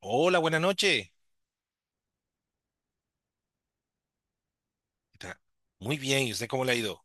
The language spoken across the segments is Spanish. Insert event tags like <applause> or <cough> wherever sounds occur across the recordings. Hola, buenas noches. Está Muy bien, ¿y usted cómo le ha ido?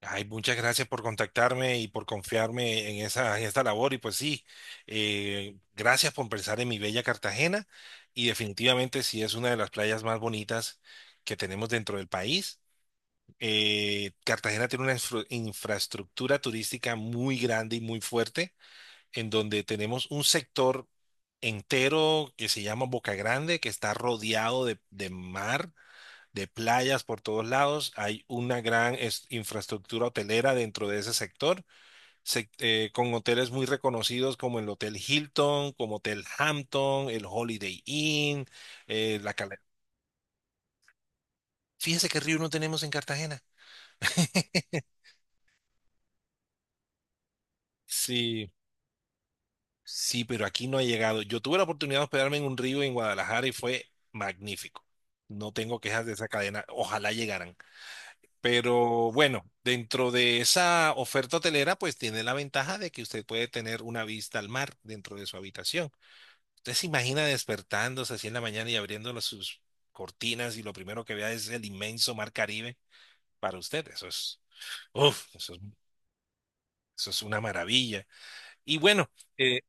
Ay, muchas gracias por contactarme y por confiarme en esta labor. Y pues sí, gracias por pensar en mi bella Cartagena. Y definitivamente sí es una de las playas más bonitas que tenemos dentro del país. Cartagena tiene una infraestructura turística muy grande y muy fuerte, en donde tenemos un sector entero que se llama Boca Grande, que está rodeado de mar de playas por todos lados. Hay una gran infraestructura hotelera dentro de ese sector, con hoteles muy reconocidos como el Hotel Hilton, como Hotel Hampton, el Holiday Inn, eh, la Cala- Fíjese qué río no tenemos en Cartagena. Sí, sí, pero aquí no ha llegado. Yo tuve la oportunidad de hospedarme en un río en Guadalajara y fue magnífico. No tengo quejas de esa cadena. Ojalá llegaran. Pero bueno, dentro de esa oferta hotelera, pues tiene la ventaja de que usted puede tener una vista al mar dentro de su habitación. Usted se imagina despertándose así en la mañana y abriendo sus cortinas y lo primero que vea es el inmenso mar Caribe para usted. Eso es, uf, eso es, Eso es una maravilla. Y bueno, eh,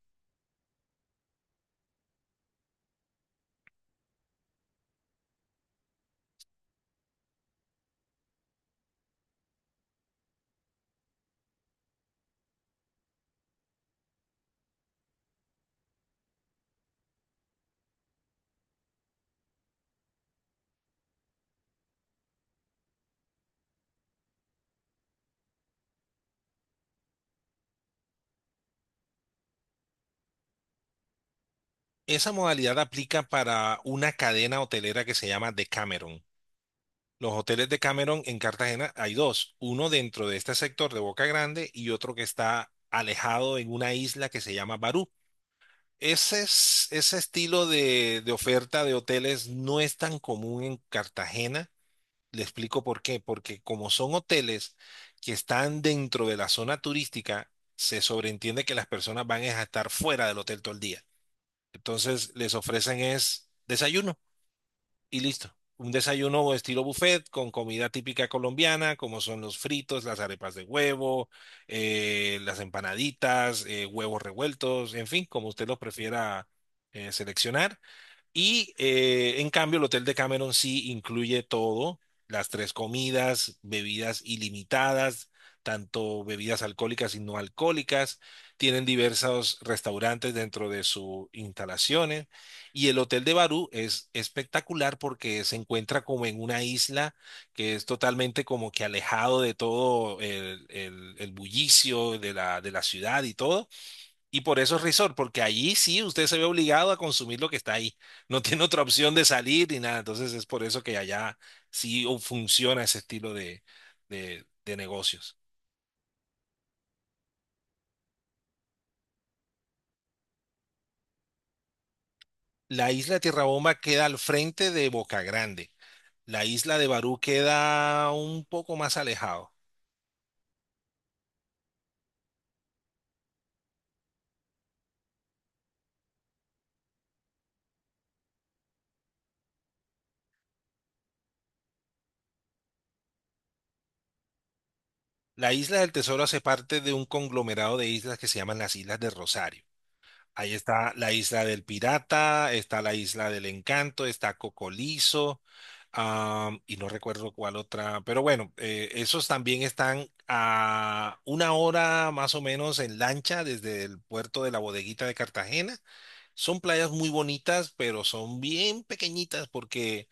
esa modalidad aplica para una cadena hotelera que se llama Decameron. Los hoteles de Cameron en Cartagena hay dos, uno dentro de este sector de Boca Grande y otro que está alejado en una isla que se llama Barú. Ese estilo de oferta de hoteles no es tan común en Cartagena. Le explico por qué, porque como son hoteles que están dentro de la zona turística, se sobreentiende que las personas van es a estar fuera del hotel todo el día. Entonces les ofrecen es desayuno y listo. Un desayuno estilo buffet con comida típica colombiana, como son los fritos, las arepas de huevo, las empanaditas, huevos revueltos, en fin, como usted los prefiera seleccionar. Y en cambio, el Hotel de Cameron sí incluye todo, las tres comidas, bebidas ilimitadas, tanto bebidas alcohólicas y no alcohólicas. Tienen diversos restaurantes dentro de sus instalaciones. Y el Hotel de Barú es espectacular porque se encuentra como en una isla que es totalmente como que alejado de todo el bullicio de de la ciudad y todo y por eso es resort, porque allí sí usted se ve obligado a consumir lo que está ahí. No <laughs> tiene otra opción de salir ni nada. Entonces es por eso que allá sí funciona ese estilo de negocios. La isla de Tierra Bomba queda al frente de Boca Grande. La isla de Barú queda un poco más alejado. La isla del Tesoro hace parte de un conglomerado de islas que se llaman las Islas de Rosario. Ahí está la isla del pirata, está la isla del encanto, está Cocolizo, y no recuerdo cuál otra, pero bueno, esos también están a una hora más o menos en lancha desde el puerto de la Bodeguita de Cartagena. Son playas muy bonitas, pero son bien pequeñitas porque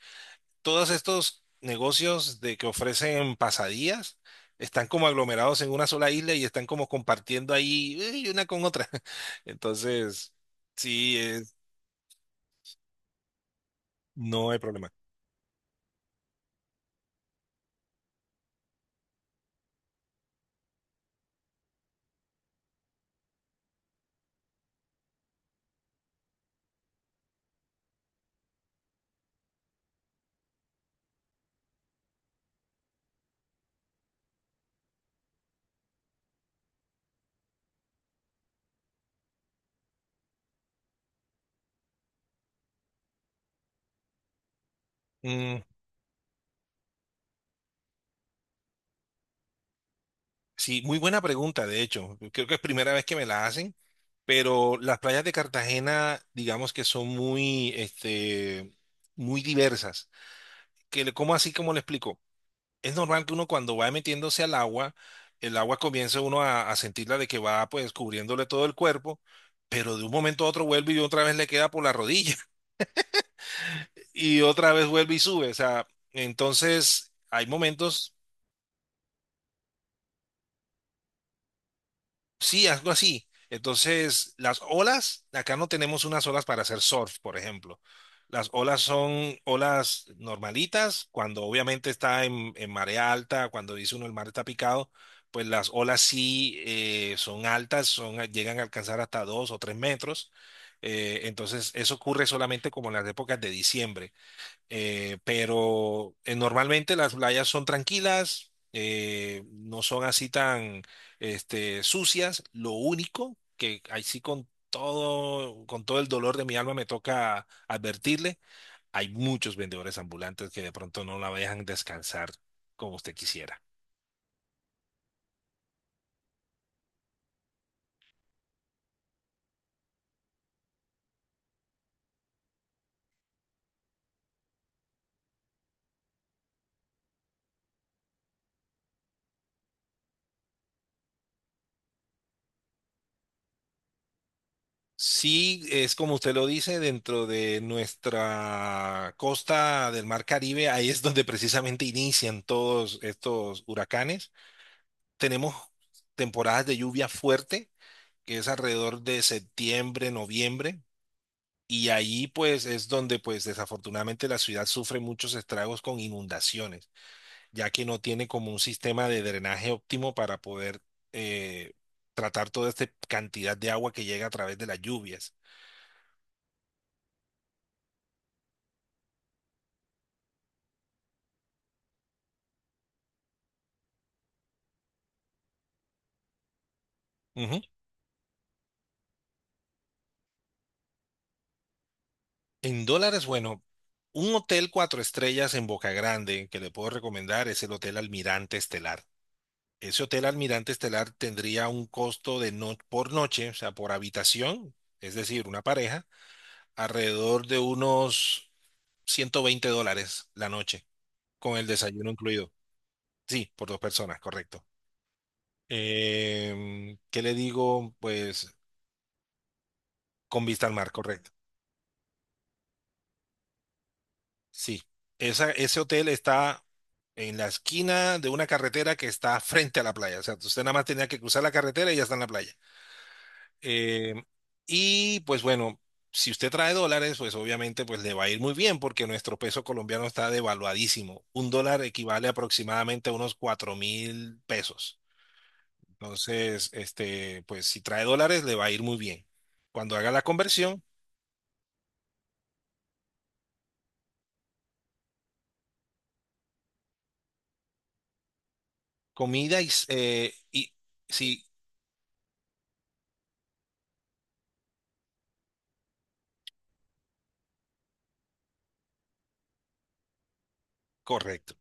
todos estos negocios de que ofrecen pasadías están como aglomerados en una sola isla y están como compartiendo ahí una con otra. <laughs> Entonces, sí, no hay problema. Mm, sí, muy buena pregunta, de hecho. Creo que es primera vez que me la hacen, pero las playas de Cartagena, digamos que son muy, este, muy diversas. ¿Cómo así, como le explico? Es normal que uno cuando va metiéndose al agua, el agua comienza uno a sentirla de que va pues cubriéndole todo el cuerpo, pero de un momento a otro vuelve y otra vez le queda por la rodilla <laughs> y otra vez vuelve y sube. O sea, entonces hay momentos. Sí, algo así. Entonces, las olas, acá no tenemos unas olas para hacer surf, por ejemplo. Las olas son olas normalitas, cuando obviamente está en marea alta, cuando dice uno el mar está picado, pues las olas sí son altas, son, llegan a alcanzar hasta 2 o 3 metros. Entonces, eso ocurre solamente como en las épocas de diciembre. Pero normalmente las playas son tranquilas, no son así tan este, sucias. Lo único que ahí sí, con todo el dolor de mi alma me toca advertirle, hay muchos vendedores ambulantes que de pronto no la dejan descansar como usted quisiera. Sí, es como usted lo dice, dentro de nuestra costa del Mar Caribe, ahí es donde precisamente inician todos estos huracanes. Tenemos temporadas de lluvia fuerte, que es alrededor de septiembre, noviembre, y ahí pues es donde pues desafortunadamente la ciudad sufre muchos estragos con inundaciones, ya que no tiene como un sistema de drenaje óptimo para poder eh, tratar toda esta cantidad de agua que llega a través de las lluvias. Ujú. En dólares, bueno, un hotel cuatro estrellas en Boca Grande que le puedo recomendar es el Hotel Almirante Estelar. Ese hotel Almirante Estelar tendría un costo de, no, por noche, o sea, por habitación, es decir, una pareja, alrededor de unos $120 la noche, con el desayuno incluido. Sí, por dos personas, correcto. ¿Qué le digo? Pues con vista al mar, correcto. Sí, ese hotel está en la esquina de una carretera que está frente a la playa. O sea, usted nada más tenía que cruzar la carretera y ya está en la playa. Eh, y pues bueno, si usted trae dólares, pues obviamente pues le va a ir muy bien porque nuestro peso colombiano está devaluadísimo. Un dólar equivale aproximadamente a unos 4.000 pesos. Entonces, este, pues si trae dólares, le va a ir muy bien. Cuando haga la conversión, comida y, s- y- sí, correcto,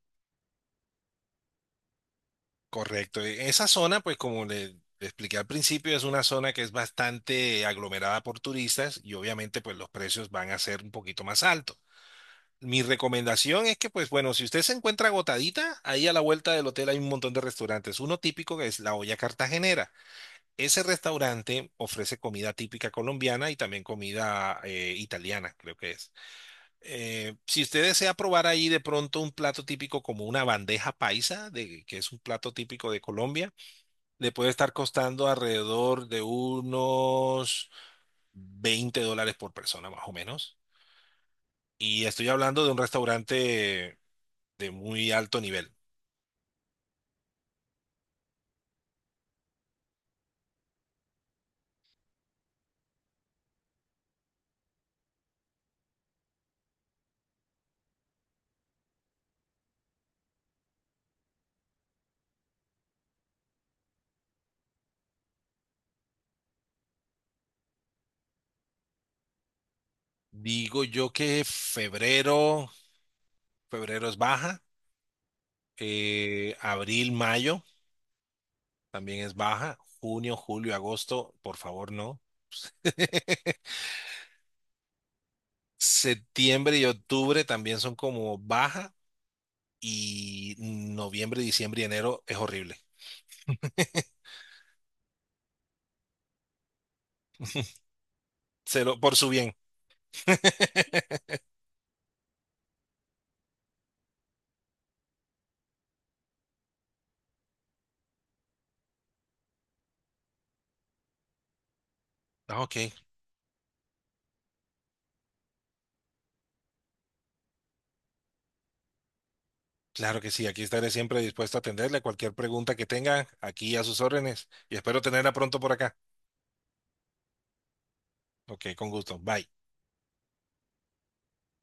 correcto. Esa zona, pues como le expliqué al principio, es una zona que es bastante aglomerada por turistas y obviamente pues los precios van a ser un poquito más altos. Mi recomendación es que, pues bueno, si usted se encuentra agotadita, ahí a la vuelta del hotel hay un montón de restaurantes. Uno típico que es La Olla Cartagenera. Ese restaurante ofrece comida típica colombiana y también comida italiana, creo que es. Si usted desea probar ahí de pronto un plato típico como una bandeja paisa, de, que es un plato típico de Colombia, le puede estar costando alrededor de unos $20 por persona, más o menos. Y estoy hablando de un restaurante de muy alto nivel. Digo yo que febrero es baja, abril, mayo también es baja, junio, julio, agosto, por favor no. <laughs> Septiembre y octubre también son como baja y noviembre, diciembre y enero es horrible. <laughs> Se lo, por su bien. <laughs> Ah, ok, claro que sí, aquí estaré siempre dispuesto a atenderle cualquier pregunta que tenga, aquí a sus órdenes y espero tenerla pronto por acá. Ok, con gusto. Bye.